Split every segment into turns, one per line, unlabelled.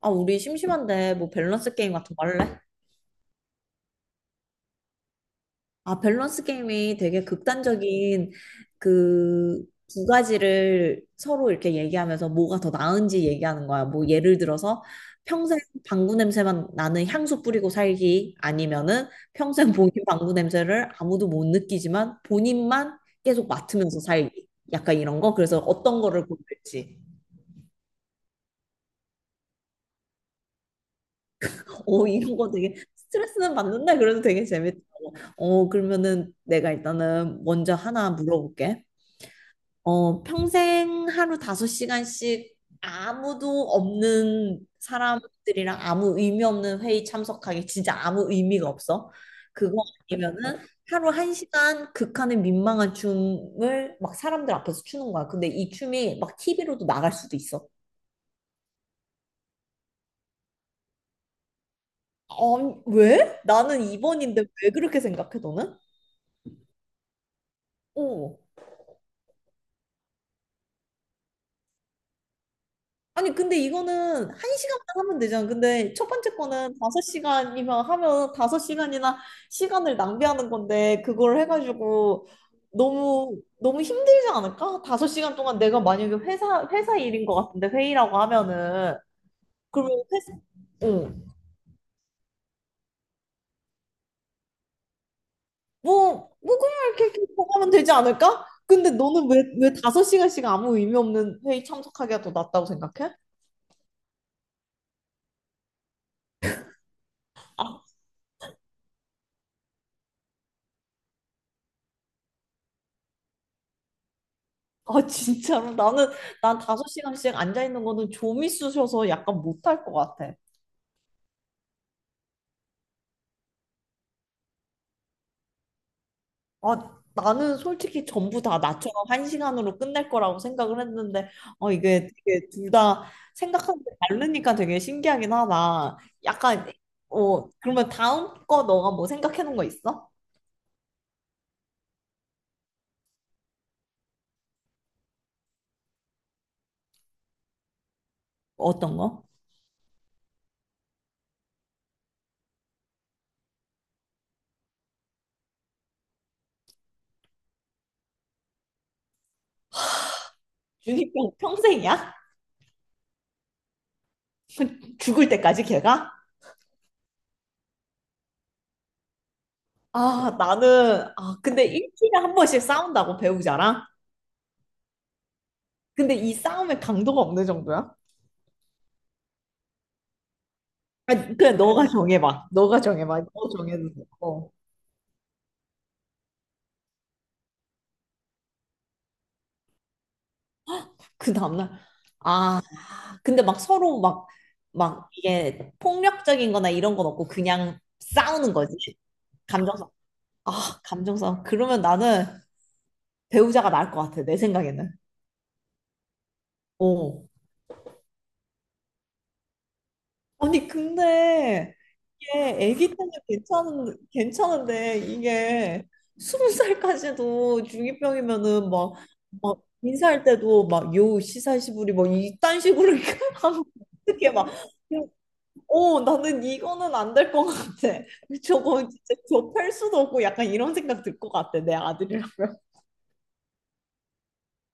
아, 우리 심심한데 뭐 밸런스 게임 같은 거 할래? 아, 밸런스 게임이 되게 극단적인 그 두 가지를 서로 이렇게 얘기하면서 뭐가 더 나은지 얘기하는 거야. 뭐 예를 들어서 평생 방구 냄새만 나는 향수 뿌리고 살기 아니면은 평생 본인 방구 냄새를 아무도 못 느끼지만 본인만 계속 맡으면서 살기. 약간 이런 거. 그래서 어떤 거를 고를지. 이런 거 되게 스트레스는 받는다. 그래도 되게 재밌더라고. 그러면은 내가 일단은 먼저 하나 물어볼게. 평생 하루 5시간씩 아무도 없는 사람들이랑 아무 의미 없는 회의 참석하기. 진짜 아무 의미가 없어. 그거 아니면은 하루 1시간 극한의 민망한 춤을 막 사람들 앞에서 추는 거야. 근데 이 춤이 막 TV로도 나갈 수도 있어. 아, 왜? 나는 2번인데 왜 그렇게 생각해, 너는? 어. 아니 근데 이거는 1시간만 하면 되잖아. 근데 첫 번째 거는 5시간이면, 하면 5시간이나 시간을 낭비하는 건데, 그걸 해가지고 너무 너무 힘들지 않을까? 5시간 동안 내가 만약에 회사 일인 것 같은데 회의라고 하면은 그러면 회사. 응, 뭐 뭐그냥 이렇게 이렇게 하면 되지 않을까? 근데 너는 왜 5시간씩 아무 의미 없는 회의 참석하기가 더 낫다고 생각해? 아, 진짜로? 난 5시간씩 앉아있는 거는 좀 있으셔서 약간 못할 것 같아. 아, 나는 솔직히 전부 다 나처럼 1시간으로 끝낼 거라고 생각을 했는데, 어, 이게 되게 둘 다 생각하는 게 다르니까 되게 신기하긴 하다. 약간, 어, 그러면 다음 거 너가 뭐 생각해 놓은 거 있어? 어떤 거? 주니평 평생이야? 죽을 때까지 걔가? 아, 근데 일주일에 한 번씩 싸운다고 배우자랑? 근데 이 싸움의 강도가 어느 정도야? 아니, 그냥 너가 정해봐. 너가 정해봐. 너 정해도 돼. 어. 그 다음날, 아, 근데 막 서로 막, 막 이게 폭력적인 거나 이런 건 없고 그냥 싸우는 거지. 감정싸움. 아, 감정싸움. 그러면 나는 배우자가 나을 것 같아. 내 생각에는. 어. 아니 근데 이게 아기 때는 괜찮은데 이게 20살까지도 중이병이면은 막 막 인사할 때도 막 요 시사시부리 뭐 이딴 식으로 하면 어떻게 막오. 나는 이거는 안 될 것 같아. 저거 진짜 저 펼 수도 없고 약간 이런 생각 들 것 같아 내 아들이라면.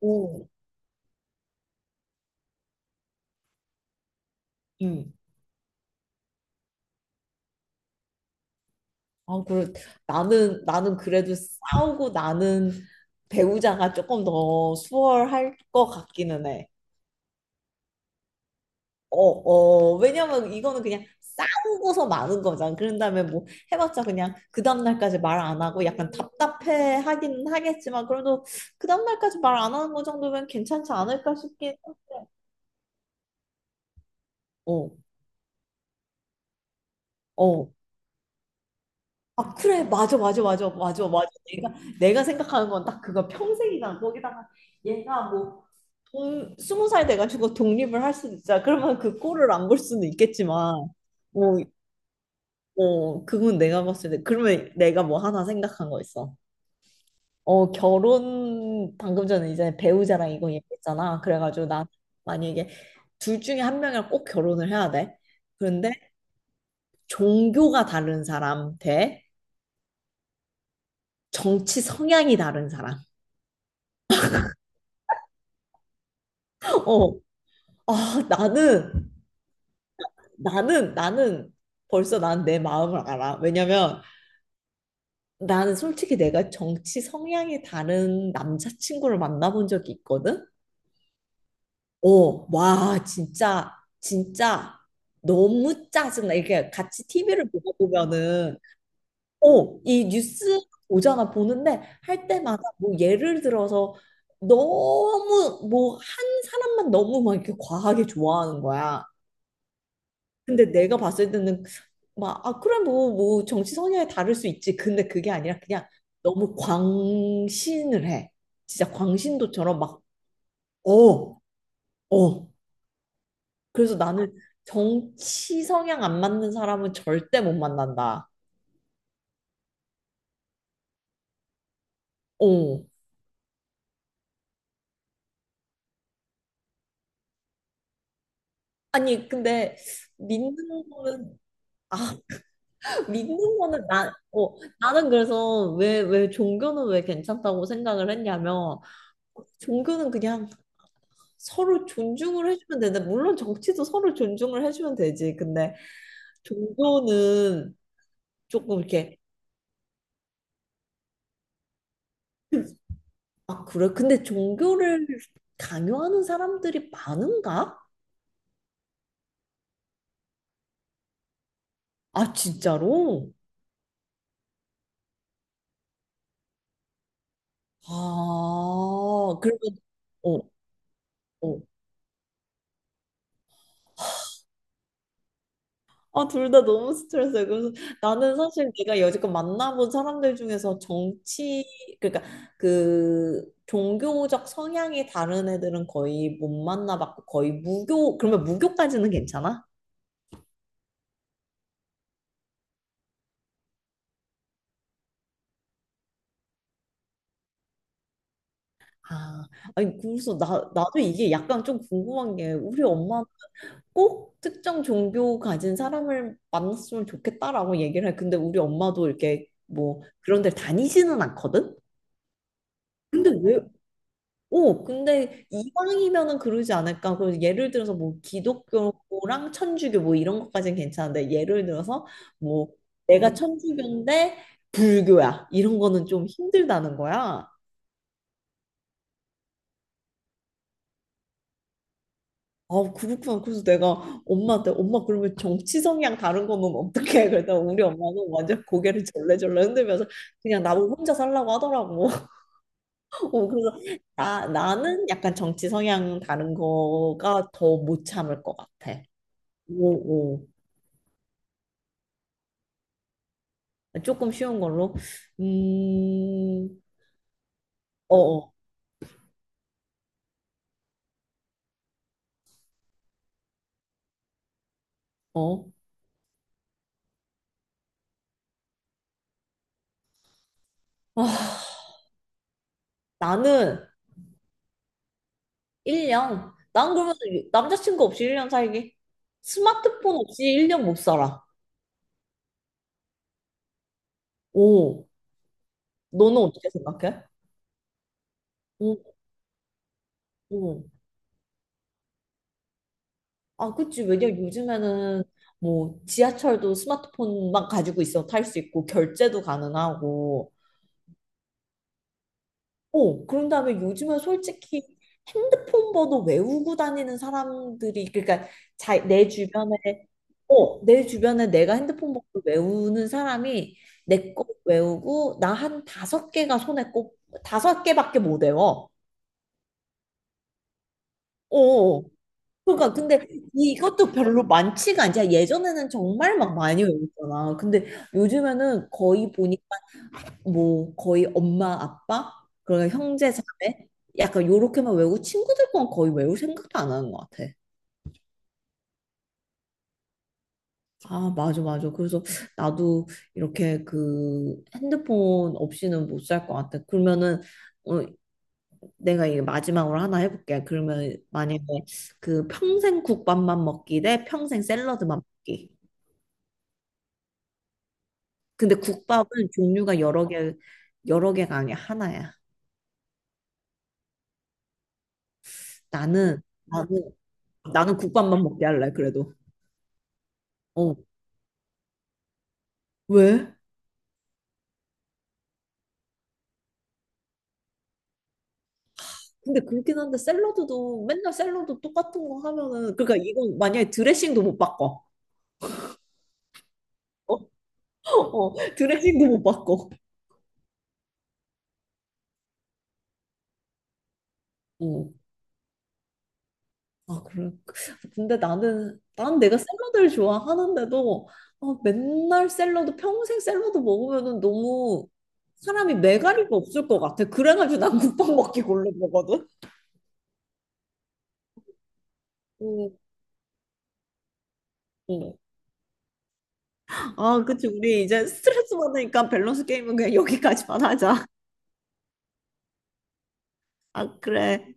오, 응. 아, 그래. 나는 그래도 싸우고 나는 배우자가 조금 더 수월할 것 같기는 해. 어, 어, 왜냐면 이거는 그냥 싸우고서 마는 거잖아. 그런 다음에 뭐 해봤자 그냥 그 다음날까지 말 안 하고 약간 답답해 하긴 하겠지만 그래도 그 다음날까지 말 안 하는 거 정도면 괜찮지 않을까 싶긴. 어, 어. 아, 그래. 맞아, 맞아, 맞아, 맞아, 맞아. 내가 생각하는 건 딱 그거 평생이잖아. 거기다가 얘가 뭐 돈 20살 돼가지고 독립을 할 수도 있잖아. 그러면 그 꼴을 안 볼 수는 있겠지만, 뭐, 어, 그건 내가 봤을 때, 그러면 내가 뭐 하나 생각한 거 있어. 어, 결혼, 방금 전에 이제 배우자랑 이거 얘기했잖아. 그래가지고 난 만약에 둘 중에 한 명이랑 꼭 결혼을 해야 돼. 그런데 종교가 다른 사람 대 정치 성향이 다른 사람. 어, 아, 나는, 나는 벌써 난 내 마음을 알아. 왜냐면 나는 솔직히 내가 정치 성향이 다른 남자친구를 만나본 적이 있거든? 어, 와, 진짜, 진짜 너무 짜증나. 이렇게 같이 TV를 보다 보면은, 어, 이 뉴스 오잖아, 보는데 할 때마다 뭐 예를 들어서 너무 뭐 한 사람만 너무 막 이렇게 과하게 좋아하는 거야. 근데 내가 봤을 때는 막, 아, 그래, 뭐, 정치 성향이 다를 수 있지. 근데 그게 아니라 그냥 너무 광신을 해. 진짜 광신도처럼 막, 어, 어. 그래서 나는 정치 성향 안 맞는 사람은 절대 못 만난다. 어. 아니, 근데 믿는 거는, 아, 믿는 거는 나, 어, 나는 그래서 왜 종교는 왜 괜찮다고 생각을 했냐면, 종교는 그냥 서로 존중을 해주면 되는데, 물론 정치도 서로 존중을 해주면 되지. 근데 종교는 조금 이렇게, 아, 그래? 근데 종교를 강요하는 사람들이 많은가? 아, 진짜로? 아, 그러면, 어, 어. 아, 둘 다 너무 스트레스예요. 그래서 나는 사실 내가 여지껏 만나본 사람들 중에서 정치, 그러니까 그 종교적 성향이 다른 애들은 거의 못 만나봤고 거의 무교, 그러면 무교까지는 괜찮아? 아, 아니, 그래서 나, 나도 이게 약간 좀 궁금한 게 우리 엄마 꼭 특정 종교 가진 사람을 만났으면 좋겠다라고 얘기를 해. 근데 우리 엄마도 이렇게 뭐 그런 데 다니지는 않거든? 근데 왜, 오, 근데 이방이면은 그러지 않을까? 그 예를 들어서 뭐 기독교랑 천주교 뭐 이런 것까지는 괜찮은데 예를 들어서 뭐 내가 천주교인데 불교야 이런 거는 좀 힘들다는 거야. 아, 그렇구나. 그래서 내가 엄마한테 엄마 그러면 정치 성향 다른 거는 어떻게 해? 그랬더니 우리 엄마는 완전 고개를 절레절레 흔들면서 그냥 나보고 혼자 살라고 하더라고. 어, 그래서 나, 나는 약간 정치 성향 다른 거가 더 못 참을 것 같아. 오, 오. 조금 쉬운 걸로. 음, 어, 어, 어. 아, 나는 1년. 난 그러면 남자친구 없이 1년 살기. 스마트폰 없이 1년 못 살아. 오, 너는 어떻게 생각해? 오, 오. 아, 그치. 왜냐면 요즘에는 뭐 지하철도 스마트폰만 가지고 있어 탈 수 있고 결제도 가능하고, 어, 그런 다음에 요즘은 솔직히 핸드폰 번호 외우고 다니는 사람들이 그러니까 자, 내 주변에, 어, 내 주변에 내가 핸드폰 번호 외우는 사람이 내 거 외우고 나 한 5개가 손에 꼽. 5개밖에 못 외워. 어. 어, 어. 그러니까 근데 이것도 별로 많지가 않지. 예전에는 정말 막 많이 외웠잖아. 근데 요즘에는 거의 보니 뭐 거의 엄마 아빠 그러면 형제 자매 약간 요렇게만 외우고 친구들 건 거의 외울 생각도 안 하는 것 같아. 아 맞아 맞아. 그래서 나도 이렇게 그 핸드폰 없이는 못 살 것 같아. 그러면은 어, 내가 이게 마지막으로 하나 해볼게. 그러면 만약에 그 평생 국밥만 먹기 대 평생 샐러드만 먹기. 근데 국밥은 종류가 여러 개 여러 개가 아니야 하나야. 나는 나는 나는 국밥만 먹게 할래 그래도. 어 왜? 근데 그렇긴 한데 샐러드도 맨날 샐러드 똑같은 거 하면은 그러니까 이건 만약에 드레싱도 못 바꿔. 어, 어, 드레싱도 못 바꿔. 어. 아, 그래. 근데 나는 난 내가 샐러드를 좋아하는데도 아, 맨날 샐러드 평생 샐러드 먹으면은 너무 사람이 매가리가 없을 것 같아. 그래가지고 난 국밥 먹기 골라 먹거든. 음, 음. 아, 그치. 우리 이제 스트레스 받으니까 밸런스 게임은 그냥 여기까지만 하자. 아, 그래.